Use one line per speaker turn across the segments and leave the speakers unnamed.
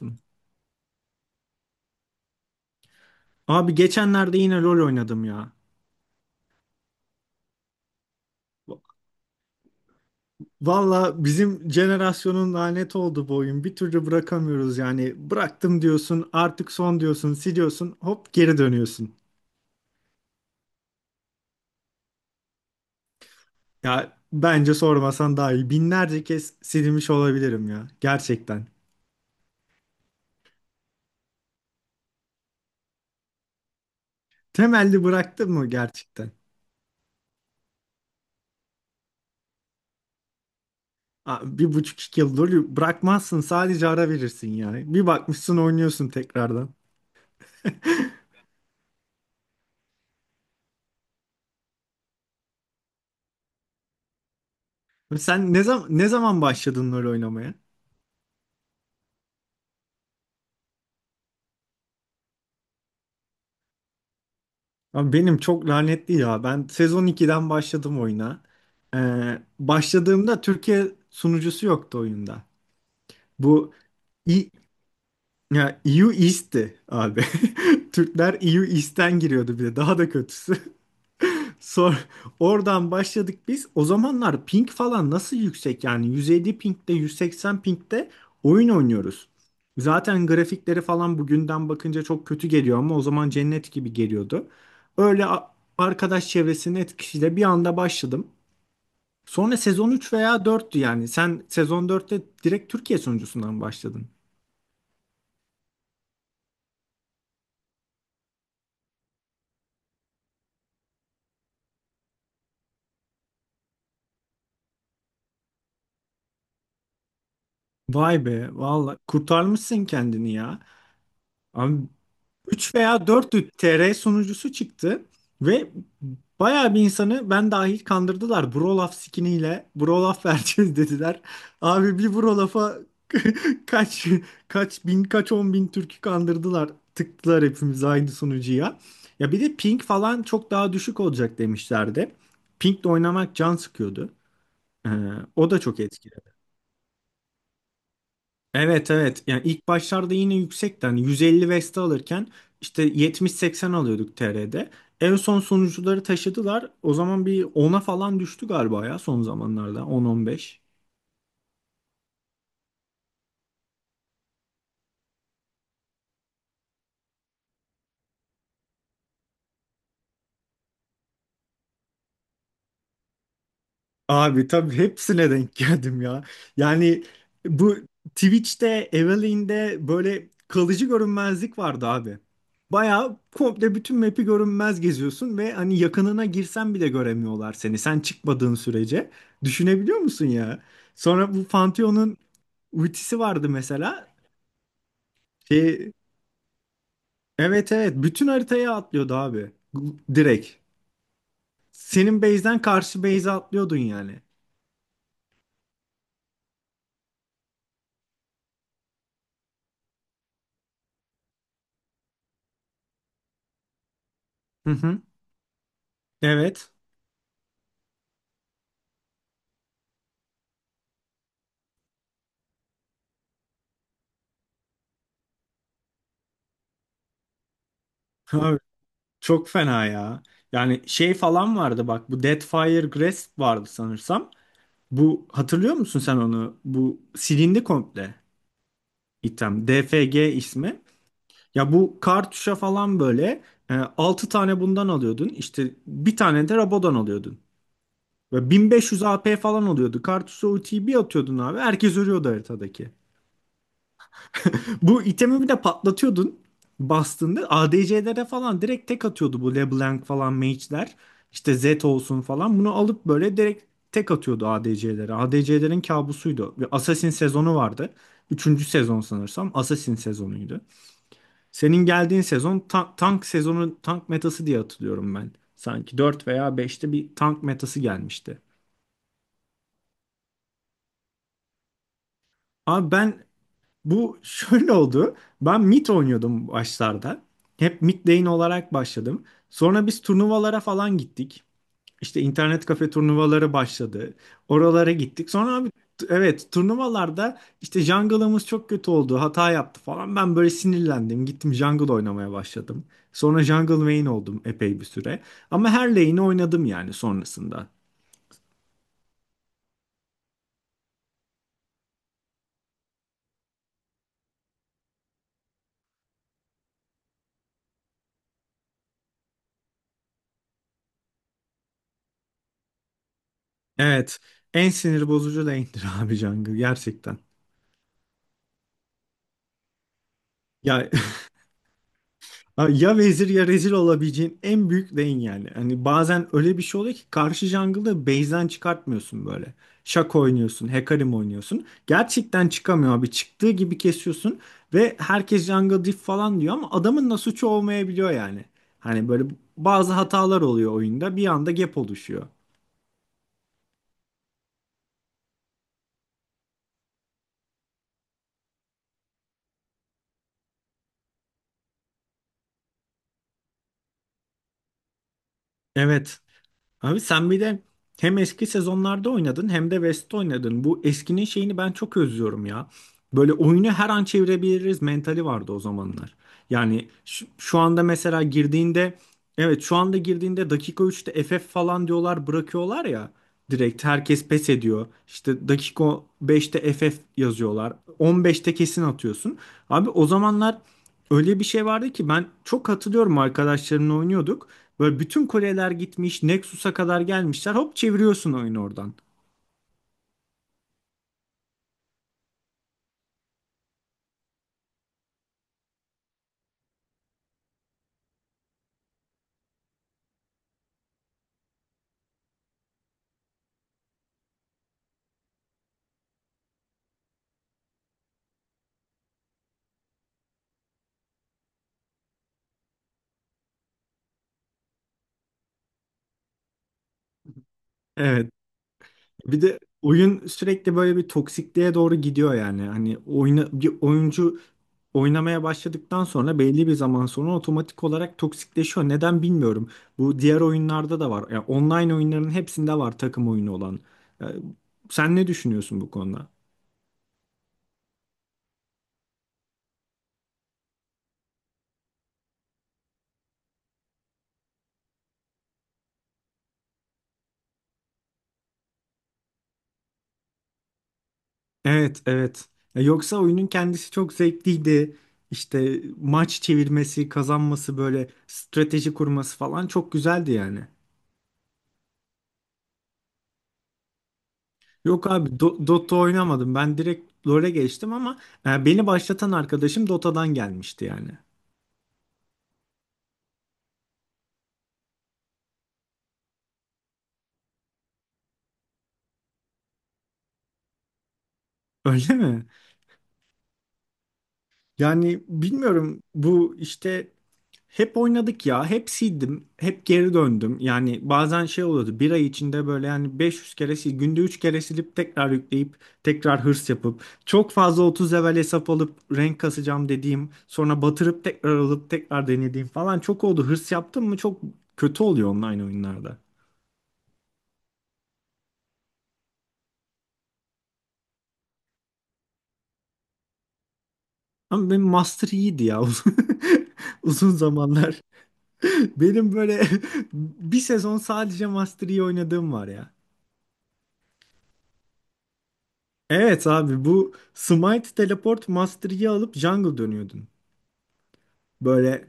Yaptım. Abi geçenlerde yine rol oynadım ya. Valla bizim jenerasyonun lanet oldu bu oyun. Bir türlü bırakamıyoruz yani. Bıraktım diyorsun, artık son diyorsun, siliyorsun, hop geri dönüyorsun. Ya bence sormasan daha iyi. Binlerce kez silmiş olabilirim ya. Gerçekten. Temelli bıraktın mı gerçekten? Aa, bir buçuk iki yıl LoL'ü bırakmazsın, sadece ara verirsin yani. Bir bakmışsın oynuyorsun tekrardan. Sen ne zaman başladın rol oynamaya? Abi benim çok lanetli ya. Ben sezon 2'den başladım oyuna. Başladığımda Türkiye sunucusu yoktu oyunda. Bu i Ya, EU East'ti abi. Türkler EU East'ten giriyordu bir de. Daha da kötüsü. Sor, oradan başladık biz. O zamanlar ping falan nasıl yüksek, yani 150 pingde, 180 pingde oyun oynuyoruz. Zaten grafikleri falan bugünden bakınca çok kötü geliyor ama o zaman cennet gibi geliyordu. Öyle a- Arkadaş çevresinin etkisiyle bir anda başladım. Sonra sezon 3 veya 4'tü yani. Sen sezon 4'te direkt Türkiye sonuncusundan başladın. Vay be, valla kurtarmışsın kendini ya. Abi 3 veya 4, TR sunucusu çıktı ve bayağı bir insanı ben dahil kandırdılar. Brolaf skiniyle Brolaf vereceğiz dediler. Abi bir Brolaf'a kaç, kaç bin, kaç on bin Türk'ü kandırdılar. Tıktılar hepimiz aynı sunucuya. Ya bir de ping falan çok daha düşük olacak demişlerdi. Ping'le oynamak can sıkıyordu. Ee, O da çok etkili. Evet, evet. Yani ilk başlarda yine yüksekten, hani 150 Vesta alırken işte 70-80 alıyorduk TR'de. En son sonuçları taşıdılar. O zaman bir 10'a falan düştü galiba ya, son zamanlarda 10-15. Abi tabii hepsine denk geldim ya. Yani bu Twitch'te, Eveline'de böyle kalıcı görünmezlik vardı abi. Bayağı komple bütün map'i görünmez geziyorsun ve hani yakınına girsen bile göremiyorlar seni, sen çıkmadığın sürece. Düşünebiliyor musun ya? Sonra bu Pantheon'un ultisi vardı mesela. Şey, evet, evet, bütün haritaya atlıyordu abi. Direkt. Senin base'den karşı base'e atlıyordun yani. Hı hı. Evet. Çok fena ya. Yani şey falan vardı, bak bu Deathfire Grasp vardı sanırsam. Bu, hatırlıyor musun sen onu? Bu silindi komple item. DFG ismi. Ya bu kartuşa falan böyle 6 tane bundan alıyordun. İşte bir tane de Rabo'dan alıyordun. Ve 1500 AP falan oluyordu. Kartuşa ultiyi bir atıyordun abi. Herkes ölüyordu haritadaki. Bu itemi bir de patlatıyordun bastığında. ADC'lere falan direkt tek atıyordu bu LeBlanc falan mage'ler. İşte Zed olsun falan. Bunu alıp böyle direkt tek atıyordu ADC'lere. ADC'lerin kabusuydu. Bir Assassin sezonu vardı. Üçüncü sezon sanırsam Assassin sezonuydu. Senin geldiğin sezon tank sezonu, tank metası diye hatırlıyorum ben. Sanki 4 veya beşte bir tank metası gelmişti. Abi bu şöyle oldu. Ben mid oynuyordum başlarda. Hep mid lane olarak başladım. Sonra biz turnuvalara falan gittik. İşte internet kafe turnuvaları başladı. Oralara gittik. Sonra abi evet, turnuvalarda işte jungle'ımız çok kötü oldu. Hata yaptı falan. Ben böyle sinirlendim. Gittim jungle oynamaya başladım. Sonra jungle main oldum epey bir süre. Ama her lane'i oynadım yani sonrasında. Evet. En sinir bozucu lane'dir abi jungle, gerçekten. Ya Ha, Ya vezir ya rezil olabileceğin en büyük lane yani. Hani bazen öyle bir şey oluyor ki karşı jungle'da base'den çıkartmıyorsun böyle. Şak oynuyorsun, Hecarim oynuyorsun. Gerçekten çıkamıyor abi. Çıktığı gibi kesiyorsun ve herkes jungle diff falan diyor ama adamın da suçu olmayabiliyor yani. Hani böyle bazı hatalar oluyor oyunda. Bir anda gap oluşuyor. Evet. Abi sen bir de hem eski sezonlarda oynadın hem de West'te oynadın. Bu eskinin şeyini ben çok özlüyorum ya. Böyle oyunu her an çevirebiliriz mentali vardı o zamanlar. Yani şu anda girdiğinde dakika 3'te FF falan diyorlar, bırakıyorlar ya, direkt herkes pes ediyor. İşte dakika 5'te FF yazıyorlar. 15'te kesin atıyorsun. Abi o zamanlar öyle bir şey vardı ki, ben çok hatırlıyorum, arkadaşlarımla oynuyorduk. Böyle bütün kuleler gitmiş, Nexus'a kadar gelmişler, hop çeviriyorsun oyunu oradan. Evet. Bir de oyun sürekli böyle bir toksikliğe doğru gidiyor yani. Hani oyna, bir oyuncu oynamaya başladıktan sonra belli bir zaman sonra otomatik olarak toksikleşiyor. Neden bilmiyorum. Bu diğer oyunlarda da var. Yani online oyunların hepsinde var, takım oyunu olan. Ee, Sen ne düşünüyorsun bu konuda? Evet, evet. Ya, yoksa oyunun kendisi çok zevkliydi. İşte maç çevirmesi, kazanması, böyle strateji kurması falan çok güzeldi yani. Yok abi, Dota oynamadım. Ben direkt LoL'e geçtim ama beni başlatan arkadaşım Dota'dan gelmişti yani. Öyle mi? Yani bilmiyorum, bu işte hep oynadık ya. Hep sildim. Hep geri döndüm. Yani bazen şey oluyordu. Bir ay içinde böyle yani 500 kere sil, günde 3 kere silip tekrar yükleyip tekrar hırs yapıp çok fazla 30 level hesap alıp renk kasacağım dediğim, sonra batırıp tekrar alıp tekrar denediğim falan çok oldu. Hırs yaptım mı çok kötü oluyor online oyunlarda. Ama benim master iyiydi ya, uzun zamanlar. Benim böyle bir sezon sadece Master Yi oynadığım var ya. Evet abi, bu Smite Teleport Master Yi alıp jungle dönüyordun. Böyle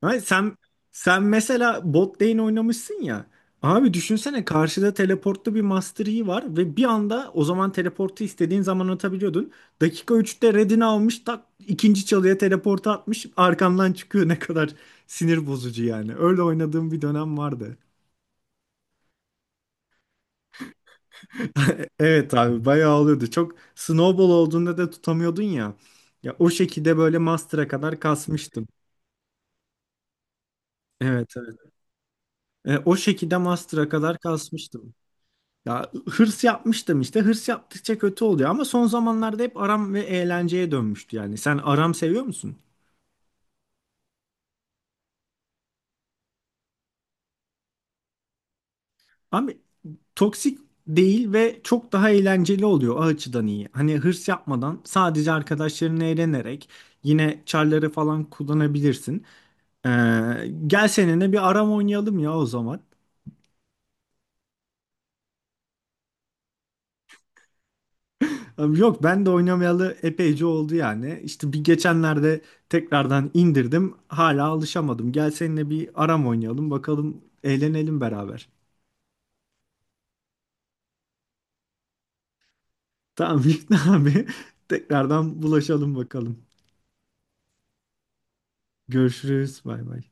Hayır, sen mesela bot lane oynamışsın ya. Abi düşünsene, karşıda teleportlu bir Master Yi var ve bir anda, o zaman teleportu istediğin zaman atabiliyordun. Dakika 3'te redini almış, tak ikinci çalıya teleportu atmış, arkandan çıkıyor, ne kadar sinir bozucu yani. Öyle oynadığım bir dönem vardı. Evet abi, bayağı oluyordu. Çok snowball olduğunda da tutamıyordun ya. Ya o şekilde böyle master'a kadar kasmıştım. Evet, evet. O şekilde master'a kadar kasmıştım. Ya hırs yapmıştım işte. Hırs yaptıkça kötü oluyor ama son zamanlarda hep aram ve eğlenceye dönmüştü yani. Sen aram seviyor musun? Abi toksik değil ve çok daha eğlenceli oluyor, o açıdan iyi. Hani hırs yapmadan sadece arkadaşlarınla eğlenerek yine çarları falan kullanabilirsin. Ee, Gel seninle bir aram oynayalım ya o zaman. Yok ben de oynamayalı epeyce oldu yani. İşte bir geçenlerde tekrardan indirdim. Hala alışamadım. Gel seninle bir aram oynayalım, bakalım eğlenelim beraber. Tamam. Vicdan abi, tekrardan bulaşalım bakalım. Görüşürüz, bay bay.